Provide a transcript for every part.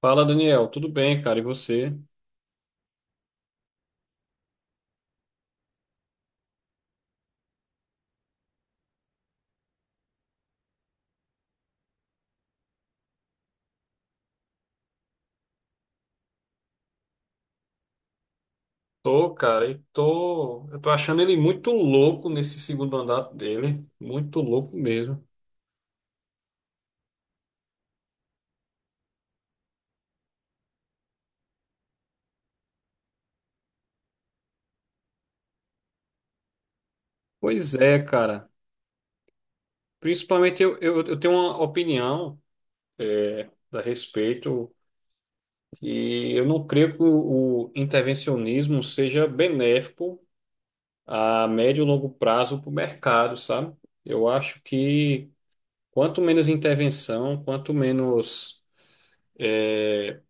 Fala, Daniel, tudo bem, cara? E você? Tô, cara, e tô. Eu tô achando ele muito louco nesse segundo andar dele. Muito louco mesmo. Pois é, cara. Principalmente eu tenho uma opinião é, a respeito e eu não creio que o intervencionismo seja benéfico a médio e longo prazo para o mercado, sabe? Eu acho que quanto menos intervenção, quanto menos é,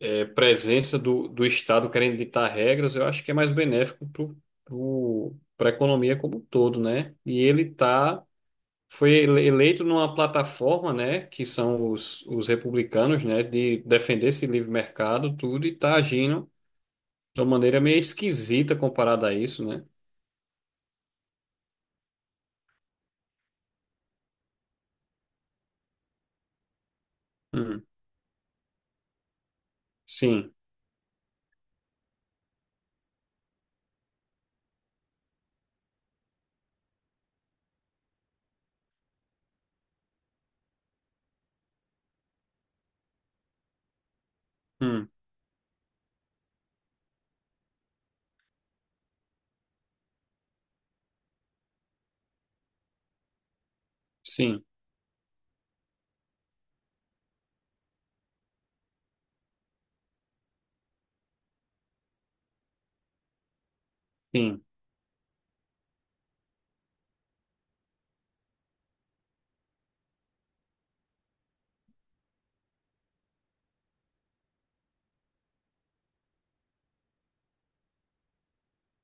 presença do Estado querendo ditar regras, eu acho que é mais benéfico para a economia como um todo, né? Foi eleito numa plataforma, né, que são os republicanos, né, de defender esse livre mercado, tudo, e tá agindo de uma maneira meio esquisita comparada a isso, né? Hum, sim, hum, sim, sim,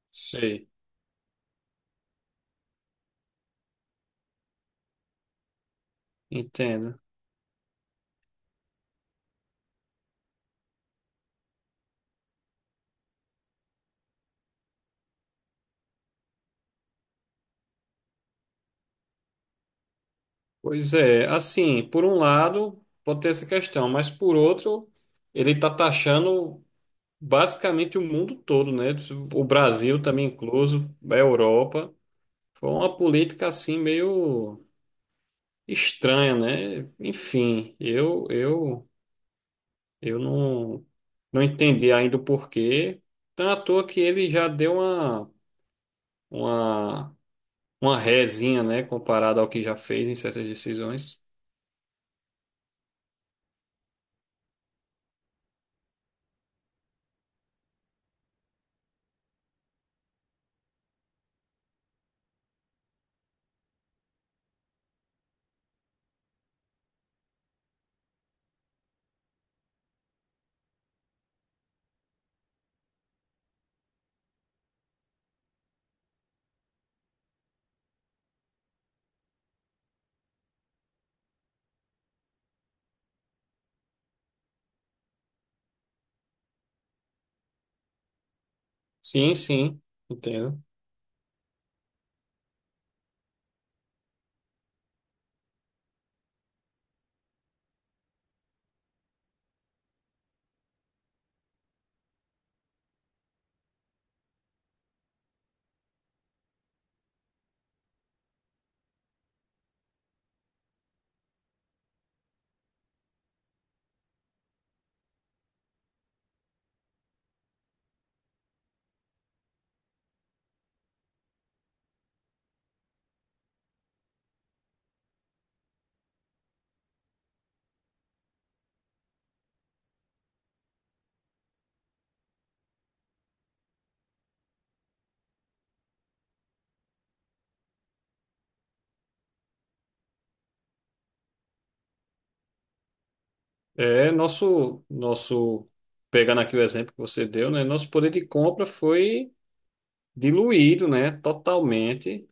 sei, entendo. Pois é, assim, por um lado, pode ter essa questão, mas por outro, ele está taxando basicamente o mundo todo, né? O Brasil também incluso, a Europa. Foi uma política assim meio estranha, né? Enfim, eu não não entendi ainda o porquê. Então, à toa que ele já deu uma uma rezinha, né, comparado ao que já fez em certas decisões. Sim, sim, entendo. É, nosso nosso pegando aqui o exemplo que você deu, né? Nosso poder de compra foi diluído, né? Totalmente.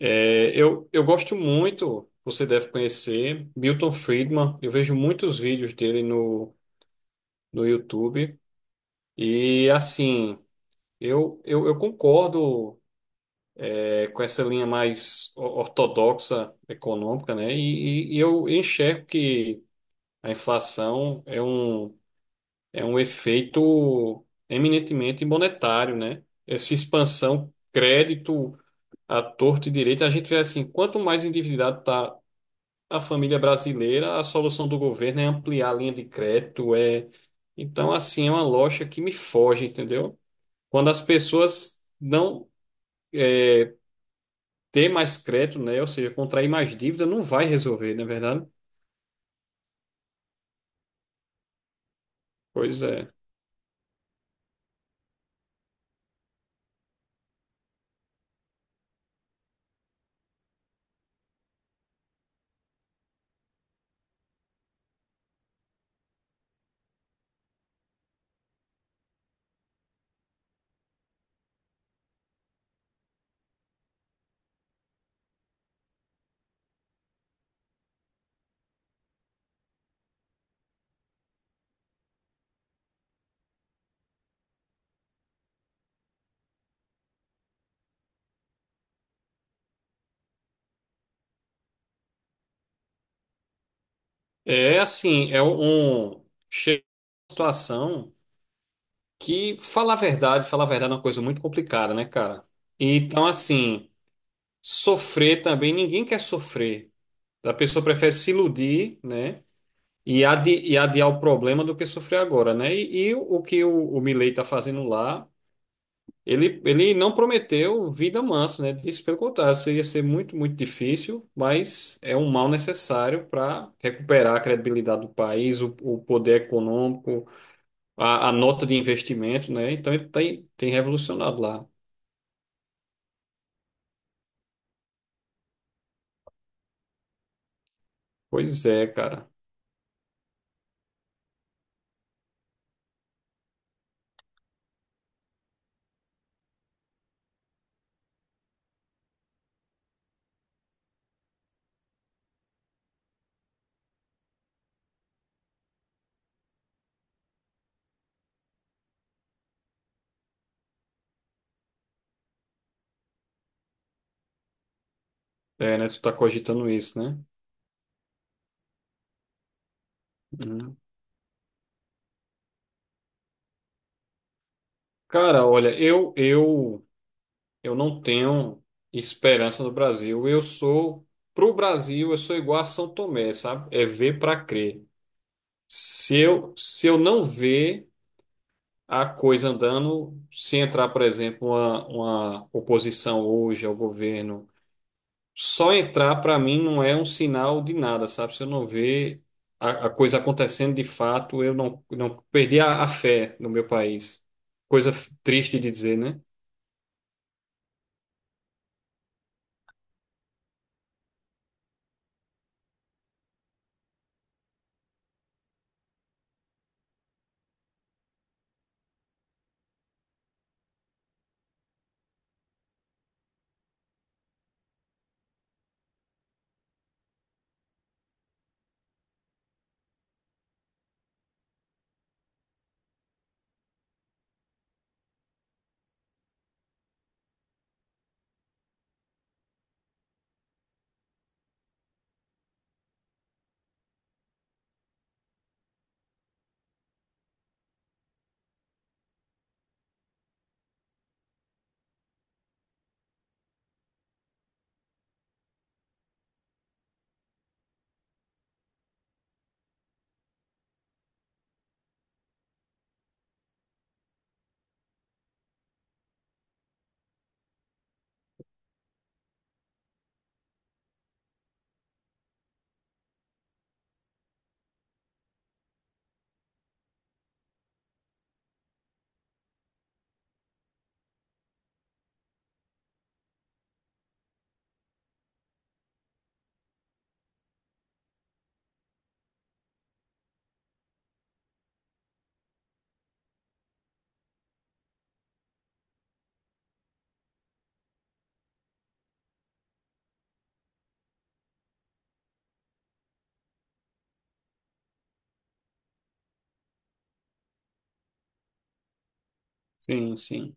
É, eu gosto muito, você deve conhecer, Milton Friedman. Eu vejo muitos vídeos dele no YouTube. E, assim, eu concordo, é, com essa linha mais ortodoxa econômica, né? Eu enxergo que a inflação é é um efeito eminentemente monetário, né? Essa expansão. Crédito a torto e direito, a gente vê assim, quanto mais endividado está a família brasileira, a solução do governo é ampliar a linha de crédito, é... Então, assim, é uma lógica que me foge, entendeu? Quando as pessoas não têm mais crédito, né, ou seja, contrair mais dívida, não vai resolver, não é verdade? Pois é. É assim, chega uma situação que, falar a verdade é uma coisa muito complicada, né, cara? Então, assim, sofrer também, ninguém quer sofrer. A pessoa prefere se iludir, né? E, adiar o problema do que sofrer agora, né? O que o Milei está fazendo lá, ele não prometeu vida mansa, né? Disse pelo contrário, isso ia ser muito, muito difícil, mas é um mal necessário para recuperar a credibilidade do país, o poder econômico, a nota de investimento, né? Então ele tem revolucionado lá. Pois é, cara. É, né? Tu tá cogitando isso, né? Uhum. Cara, olha, eu não tenho esperança no Brasil. Eu sou, pro Brasil, eu sou igual a São Tomé, sabe? É ver para crer. Se eu não ver a coisa andando, se entrar, por exemplo, uma oposição hoje ao governo, só entrar para mim não é um sinal de nada, sabe? Se eu não ver a coisa acontecendo de fato, eu não perdi a fé no meu país. Coisa triste de dizer, né? Sim, sim.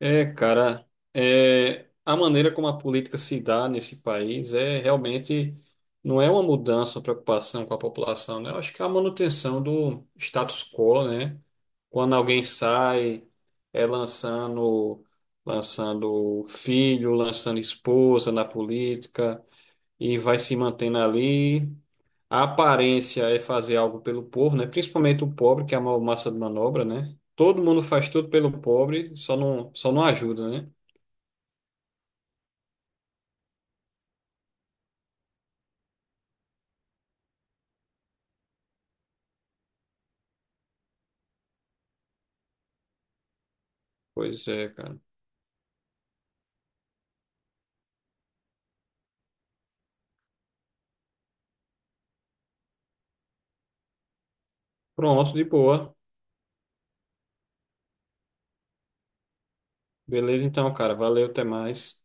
É, cara, é, a maneira como a política se dá nesse país é realmente não é uma mudança, uma preocupação com a população, né? Eu acho que é a manutenção do status quo, né? Quando alguém sai, é lançando, lançando filho, lançando esposa na política e vai se mantendo ali. A aparência é fazer algo pelo povo, né? Principalmente o pobre, que é a maior massa de manobra, né? Todo mundo faz tudo pelo pobre, só não ajuda, né? Pois é, cara. Pronto, de boa. Beleza então, cara. Valeu, até mais.